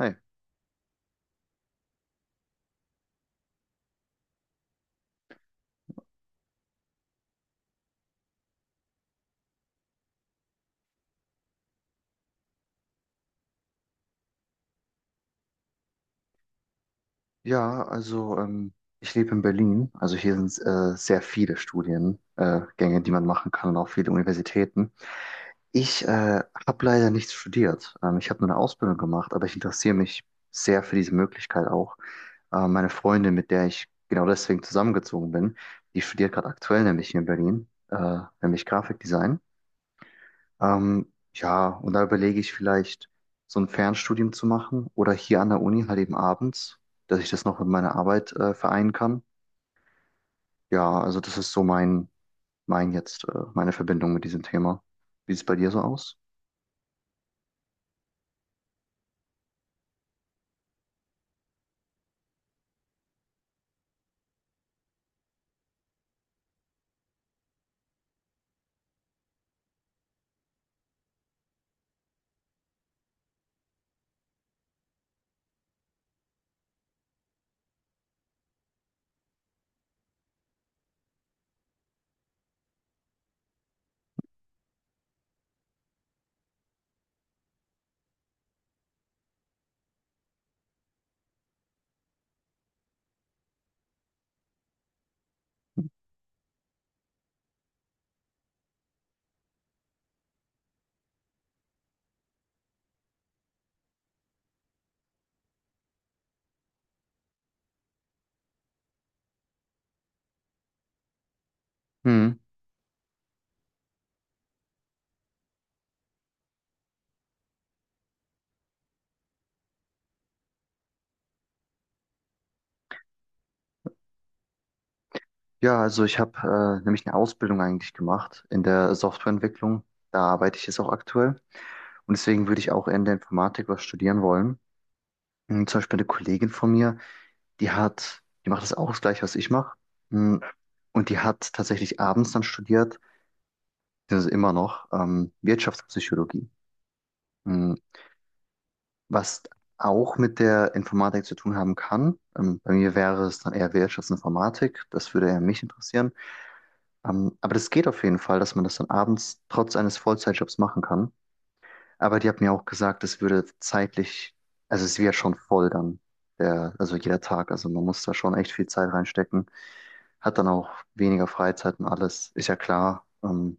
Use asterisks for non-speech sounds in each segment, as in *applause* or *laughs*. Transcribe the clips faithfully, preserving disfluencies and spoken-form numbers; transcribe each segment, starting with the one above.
Hi. Ja, also ähm, ich lebe in Berlin. Also hier sind äh, sehr viele Studiengänge, äh, Gänge, die man machen kann, und auch viele Universitäten. Ich äh, habe leider nichts studiert. Ähm, ich habe nur eine Ausbildung gemacht, aber ich interessiere mich sehr für diese Möglichkeit auch. Äh, meine Freundin, mit der ich genau deswegen zusammengezogen bin, die studiert gerade aktuell nämlich hier in Berlin, äh, nämlich Grafikdesign. Ähm, ja, und da überlege ich vielleicht, so ein Fernstudium zu machen oder hier an der Uni halt eben abends, dass ich das noch mit meiner Arbeit äh, vereinen kann. Ja, also das ist so mein, mein jetzt, äh, meine Verbindung mit diesem Thema. Wie sieht es bei dir so aus? Hm. Ja, also ich habe äh, nämlich eine Ausbildung eigentlich gemacht in der Softwareentwicklung. Da arbeite ich jetzt auch aktuell. Und deswegen würde ich auch in der Informatik was studieren wollen. Hm, zum Beispiel eine Kollegin von mir, Die hat, die macht das auch, das Gleiche, was ich mache. Mm, und die hat tatsächlich abends dann studiert, das ist immer noch, ähm, Wirtschaftspsychologie, mm, was auch mit der Informatik zu tun haben kann. Ähm, bei mir wäre es dann eher Wirtschaftsinformatik, das würde eher mich interessieren. Ähm, aber das geht auf jeden Fall, dass man das dann abends trotz eines Vollzeitjobs machen kann. Aber die hat mir auch gesagt, es würde zeitlich, also es wäre schon voll dann, der, also jeder Tag. Also man muss da schon echt viel Zeit reinstecken. Hat dann auch weniger Freizeit und alles, ist ja klar. Ähm,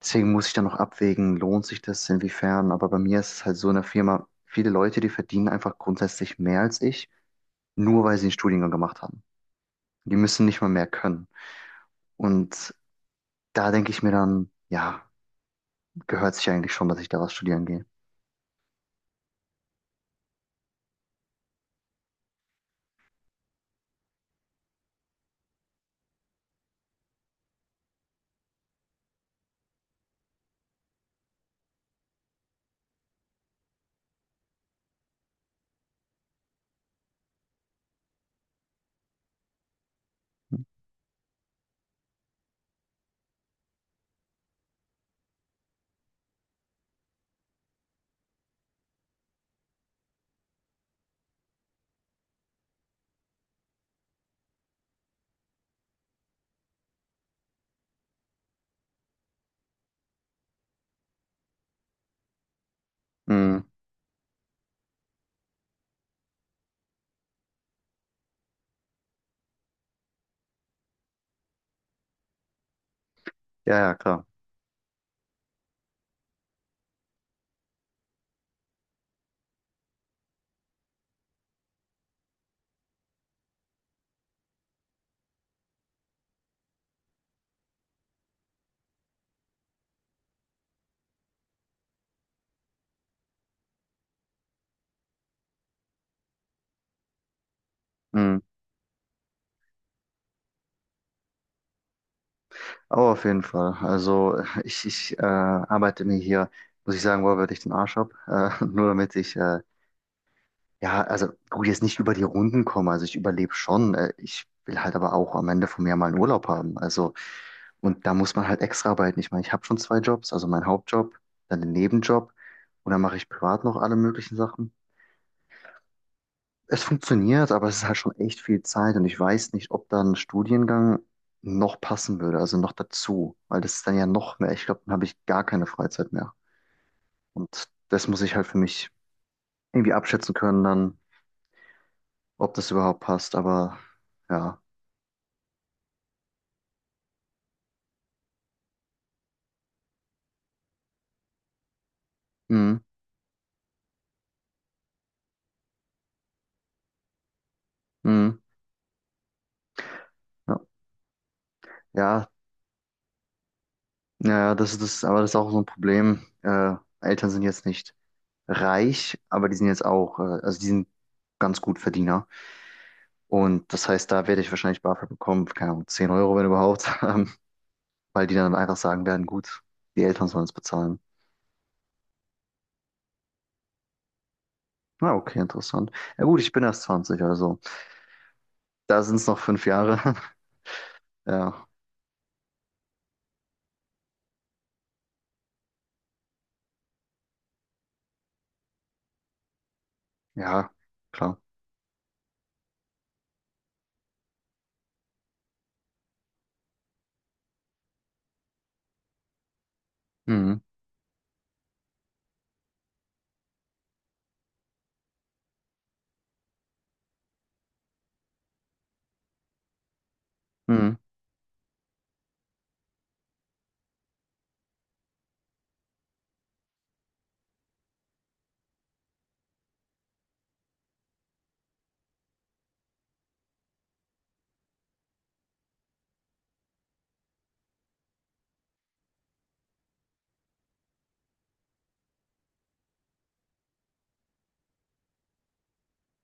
Deswegen muss ich dann noch abwägen, lohnt sich das, inwiefern. Aber bei mir ist es halt so in der Firma, viele Leute, die verdienen einfach grundsätzlich mehr als ich, nur weil sie einen Studiengang gemacht haben. Die müssen nicht mal mehr können. Und da denke ich mir dann, ja, gehört sich eigentlich schon, dass ich da was studieren gehe. Mm, ja, ja, klar. Mm, aber auf jeden Fall. Also ich, ich äh, arbeite mir hier, muss ich sagen, wo würde ich den Arsch ab, äh, *laughs* nur damit ich äh, ja, also gut, jetzt nicht über die Runden kommen. Also ich überlebe schon. Äh, Ich will halt aber auch am Ende vom Jahr mal einen Urlaub haben. Also, und da muss man halt extra arbeiten. Ich meine, ich habe schon zwei Jobs, also meinen Hauptjob, dann den Nebenjob, und dann mache ich privat noch alle möglichen Sachen. Es funktioniert, aber es ist halt schon echt viel Zeit, und ich weiß nicht, ob da ein Studiengang noch passen würde, also noch dazu, weil das ist dann ja noch mehr. Ich glaube, dann habe ich gar keine Freizeit mehr. Und das muss ich halt für mich irgendwie abschätzen können, dann, ob das überhaupt passt. Aber ja. Mhm. Mhm. Ja, ja, naja, das ist das, aber das ist auch so ein Problem. Äh, Eltern sind jetzt nicht reich, aber die sind jetzt auch, äh, also die sind ganz gut Verdiener. Und das heißt, da werde ich wahrscheinlich BAföG bekommen, keine Ahnung, zehn Euro, wenn überhaupt, *laughs* ähm, weil die dann einfach sagen werden, gut, die Eltern sollen es bezahlen. Na, okay, interessant. Ja, gut, ich bin erst zwanzig, also da sind es noch fünf Jahre. *laughs* Ja, ja, klar. Mhm. Mhm.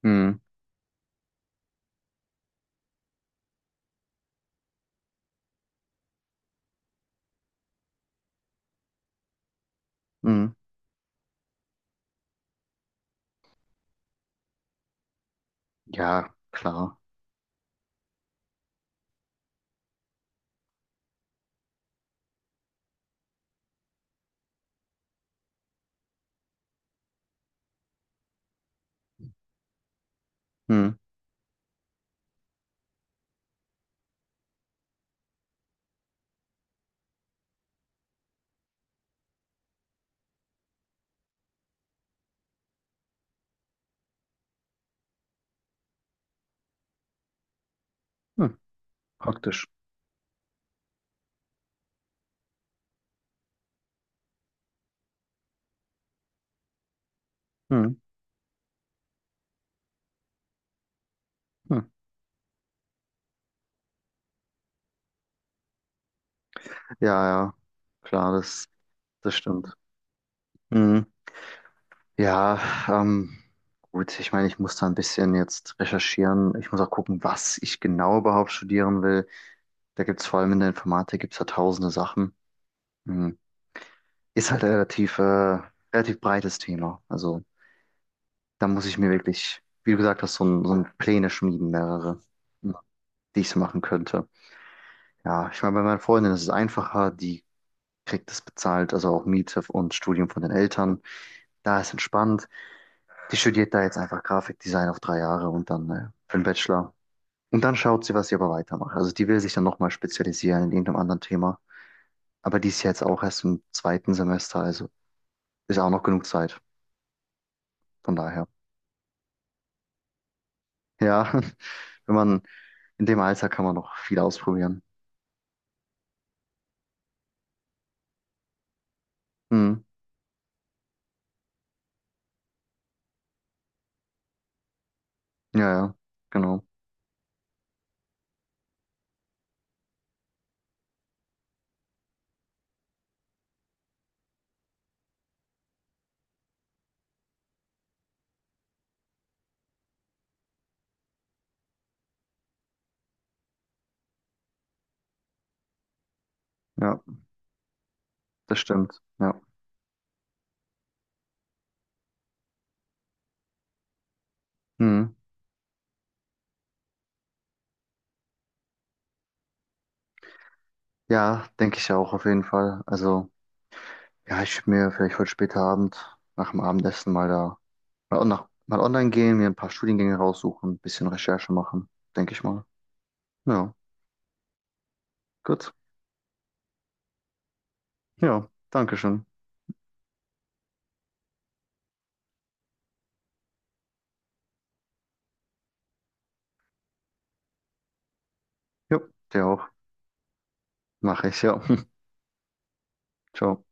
Mhm. Mhm. Ja, klar. Mhm. Mhm. Praktisch. Mhm. Mhm. Ja, ja, klar, das, das stimmt. Mhm. Ja, ähm, gut, ich meine, ich muss da ein bisschen jetzt recherchieren. Ich muss auch gucken, was ich genau überhaupt studieren will. Da gibt's vor allem in der Informatik, gibt's da tausende Sachen. Mhm. Ist halt relativ, äh, relativ breites Thema. Also da muss ich mir wirklich, wie du gesagt hast, so ein, so ein Pläne schmieden, mehrere, mhm, die ich so machen könnte. Ja, ich meine, bei meiner Freundin ist es einfacher, die kriegt es bezahlt, also auch Miete und Studium von den Eltern. Da ist entspannt. Die studiert da jetzt einfach Grafikdesign auf drei Jahre, und dann äh, für den Bachelor. Und dann schaut sie, was sie aber weitermacht. Also die will sich dann nochmal spezialisieren in irgendeinem anderen Thema. Aber die ist ja jetzt auch erst im zweiten Semester, also ist auch noch genug Zeit. Von daher. Ja, *laughs* wenn man in dem Alter kann man noch viel ausprobieren. Hm. Ja, ja, genau. Ja, das stimmt. Ja. Hm. Ja, denke ich auch auf jeden Fall. Also, ja, ich würde mir vielleicht heute später Abend nach dem Abendessen mal da Mal, on- mal online gehen, mir ein paar Studiengänge raussuchen, ein bisschen Recherche machen, denke ich mal. Ja, gut. Ja, danke schön. Jo, dir auch. Mache ich, ja. *laughs* Ciao.